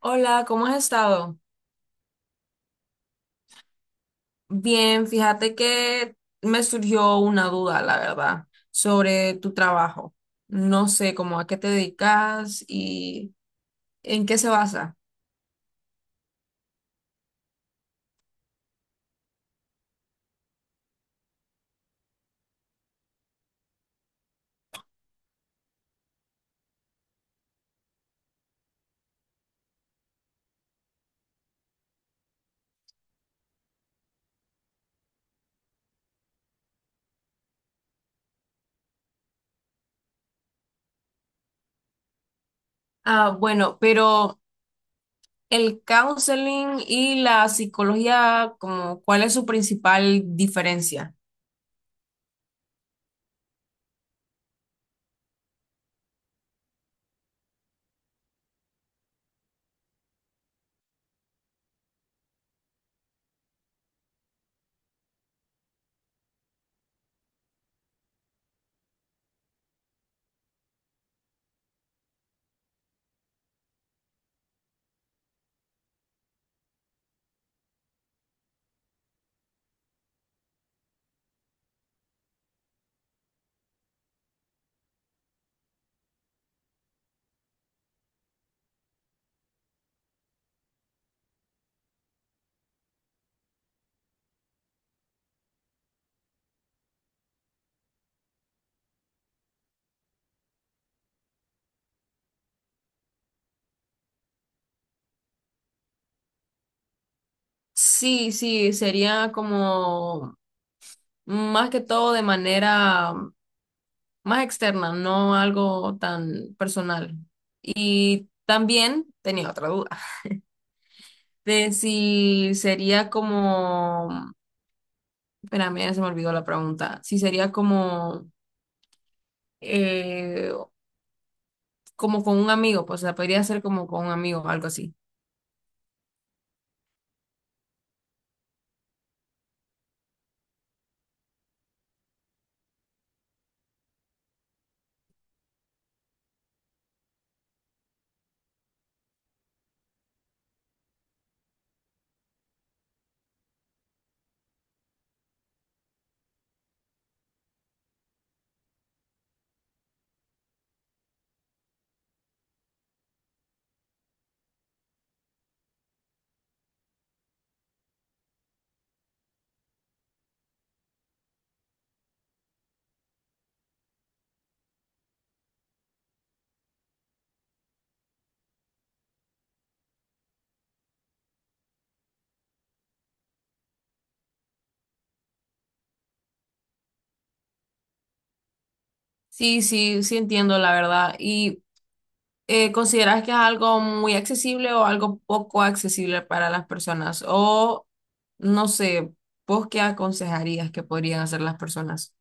Hola, ¿cómo has estado? Bien, fíjate que me surgió una duda, la verdad, sobre tu trabajo. No sé cómo a qué te dedicas y en qué se basa. Ah, bueno, pero el counseling y la psicología, como, ¿cuál es su principal diferencia? Sí, sí, sería como más que todo de manera más externa, no algo tan personal. Y también tenía otra duda de si sería como, espérame, ya se me olvidó la pregunta, si sería como, eh, como con un amigo, pues o sea, podría ser como con un amigo, algo así. Sí, sí, sí entiendo la verdad. ¿Y consideras que es algo muy accesible o algo poco accesible para las personas? O no sé, ¿vos qué aconsejarías que podrían hacer las personas?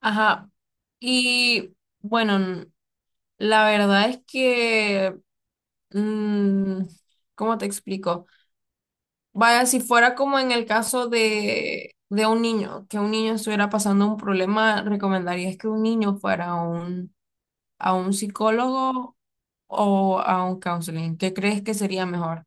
Ajá. Y bueno, la verdad es que, mm, ¿cómo te explico? Vaya, si fuera como en el caso de un niño, que un niño estuviera pasando un problema, ¿recomendarías que un niño fuera a un psicólogo o a un counseling? ¿Qué crees que sería mejor?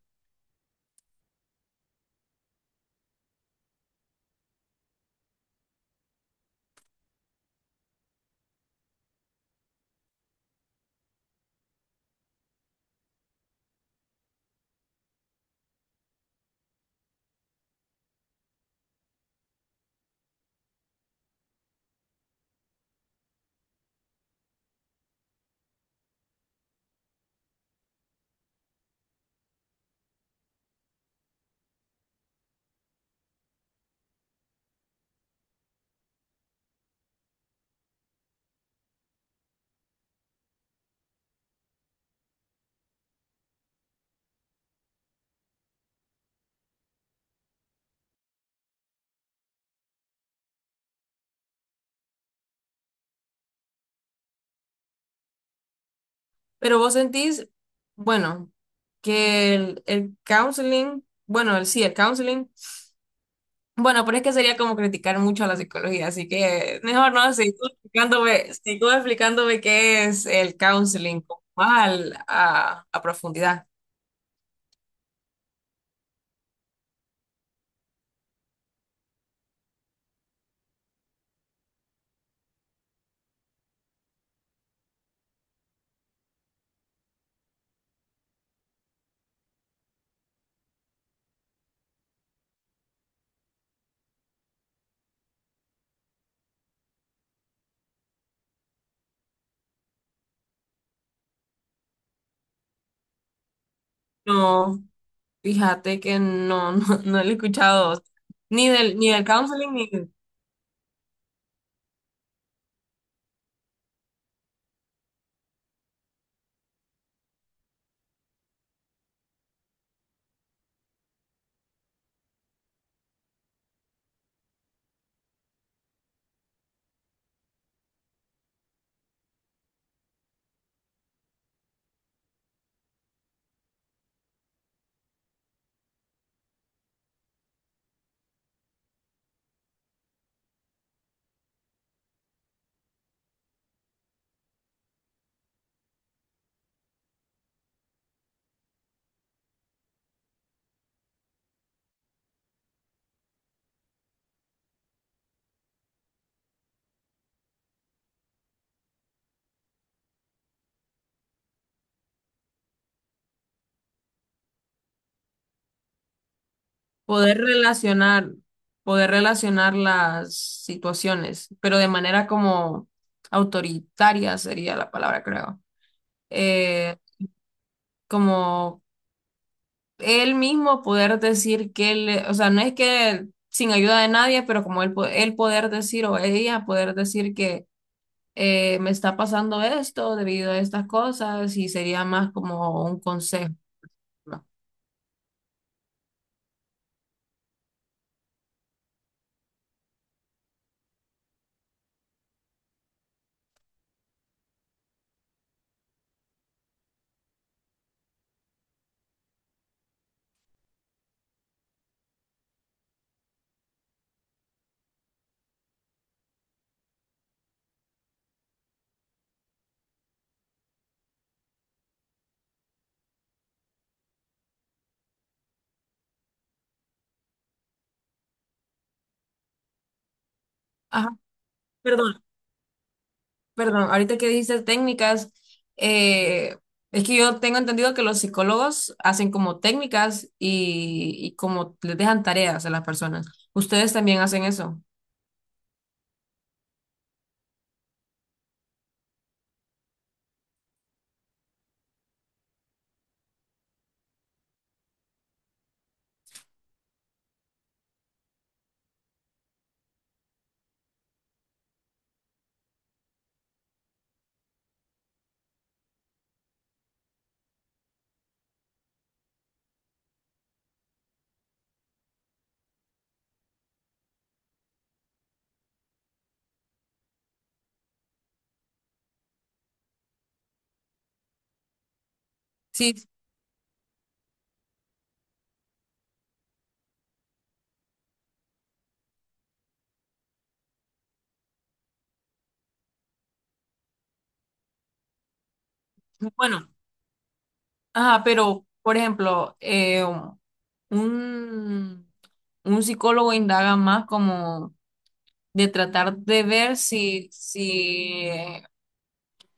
Pero vos sentís, bueno, que el counseling, bueno, el, sí, el counseling. Bueno, pero es que sería como criticar mucho a la psicología, así que mejor no, sigo explicándome qué es el counseling como mal a profundidad. No, fíjate que no, no, no lo he escuchado ni del, ni del counseling ni del poder relacionar, poder relacionar las situaciones, pero de manera como autoritaria sería la palabra, creo. Eh, como él mismo poder decir que él, o sea, no es que sin ayuda de nadie, pero como él, él poder decir o ella poder decir que me está pasando esto debido a estas cosas y sería más como un consejo, ¿no? Ajá, perdón, perdón, ahorita que dijiste técnicas, eh, es que yo tengo entendido que los psicólogos hacen como técnicas y como les dejan tareas a las personas. ¿Ustedes también hacen eso? Sí, bueno. Ah, pero, por ejemplo, un, un psicólogo indaga más como de tratar de ver si, si,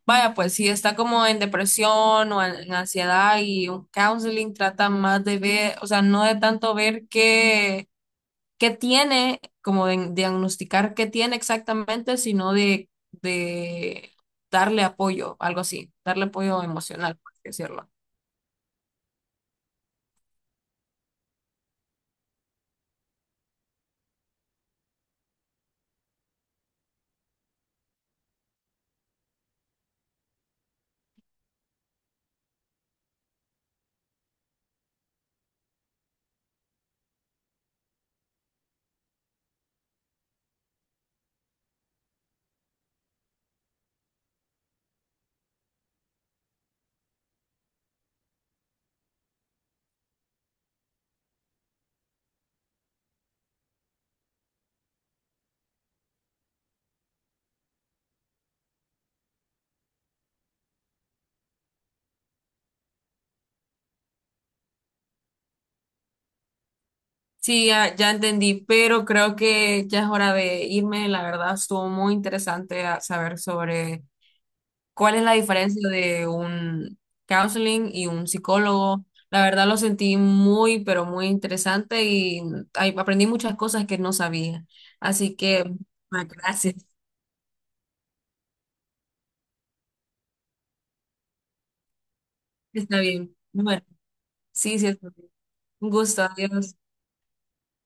vaya, pues si está como en depresión o en ansiedad y un counseling trata más de ver, o sea, no de tanto ver qué, qué tiene, como de diagnosticar qué tiene exactamente, sino de darle apoyo, algo así, darle apoyo emocional, por así decirlo. Sí, ya, ya entendí, pero creo que ya es hora de irme. La verdad, estuvo muy interesante saber sobre cuál es la diferencia de un counseling y un psicólogo. La verdad, lo sentí muy, pero muy interesante y mm, ay, aprendí muchas cosas que no sabía. Así que, ah, gracias. Está bien. Bueno, sí, sí, está bien. Un gusto. Adiós.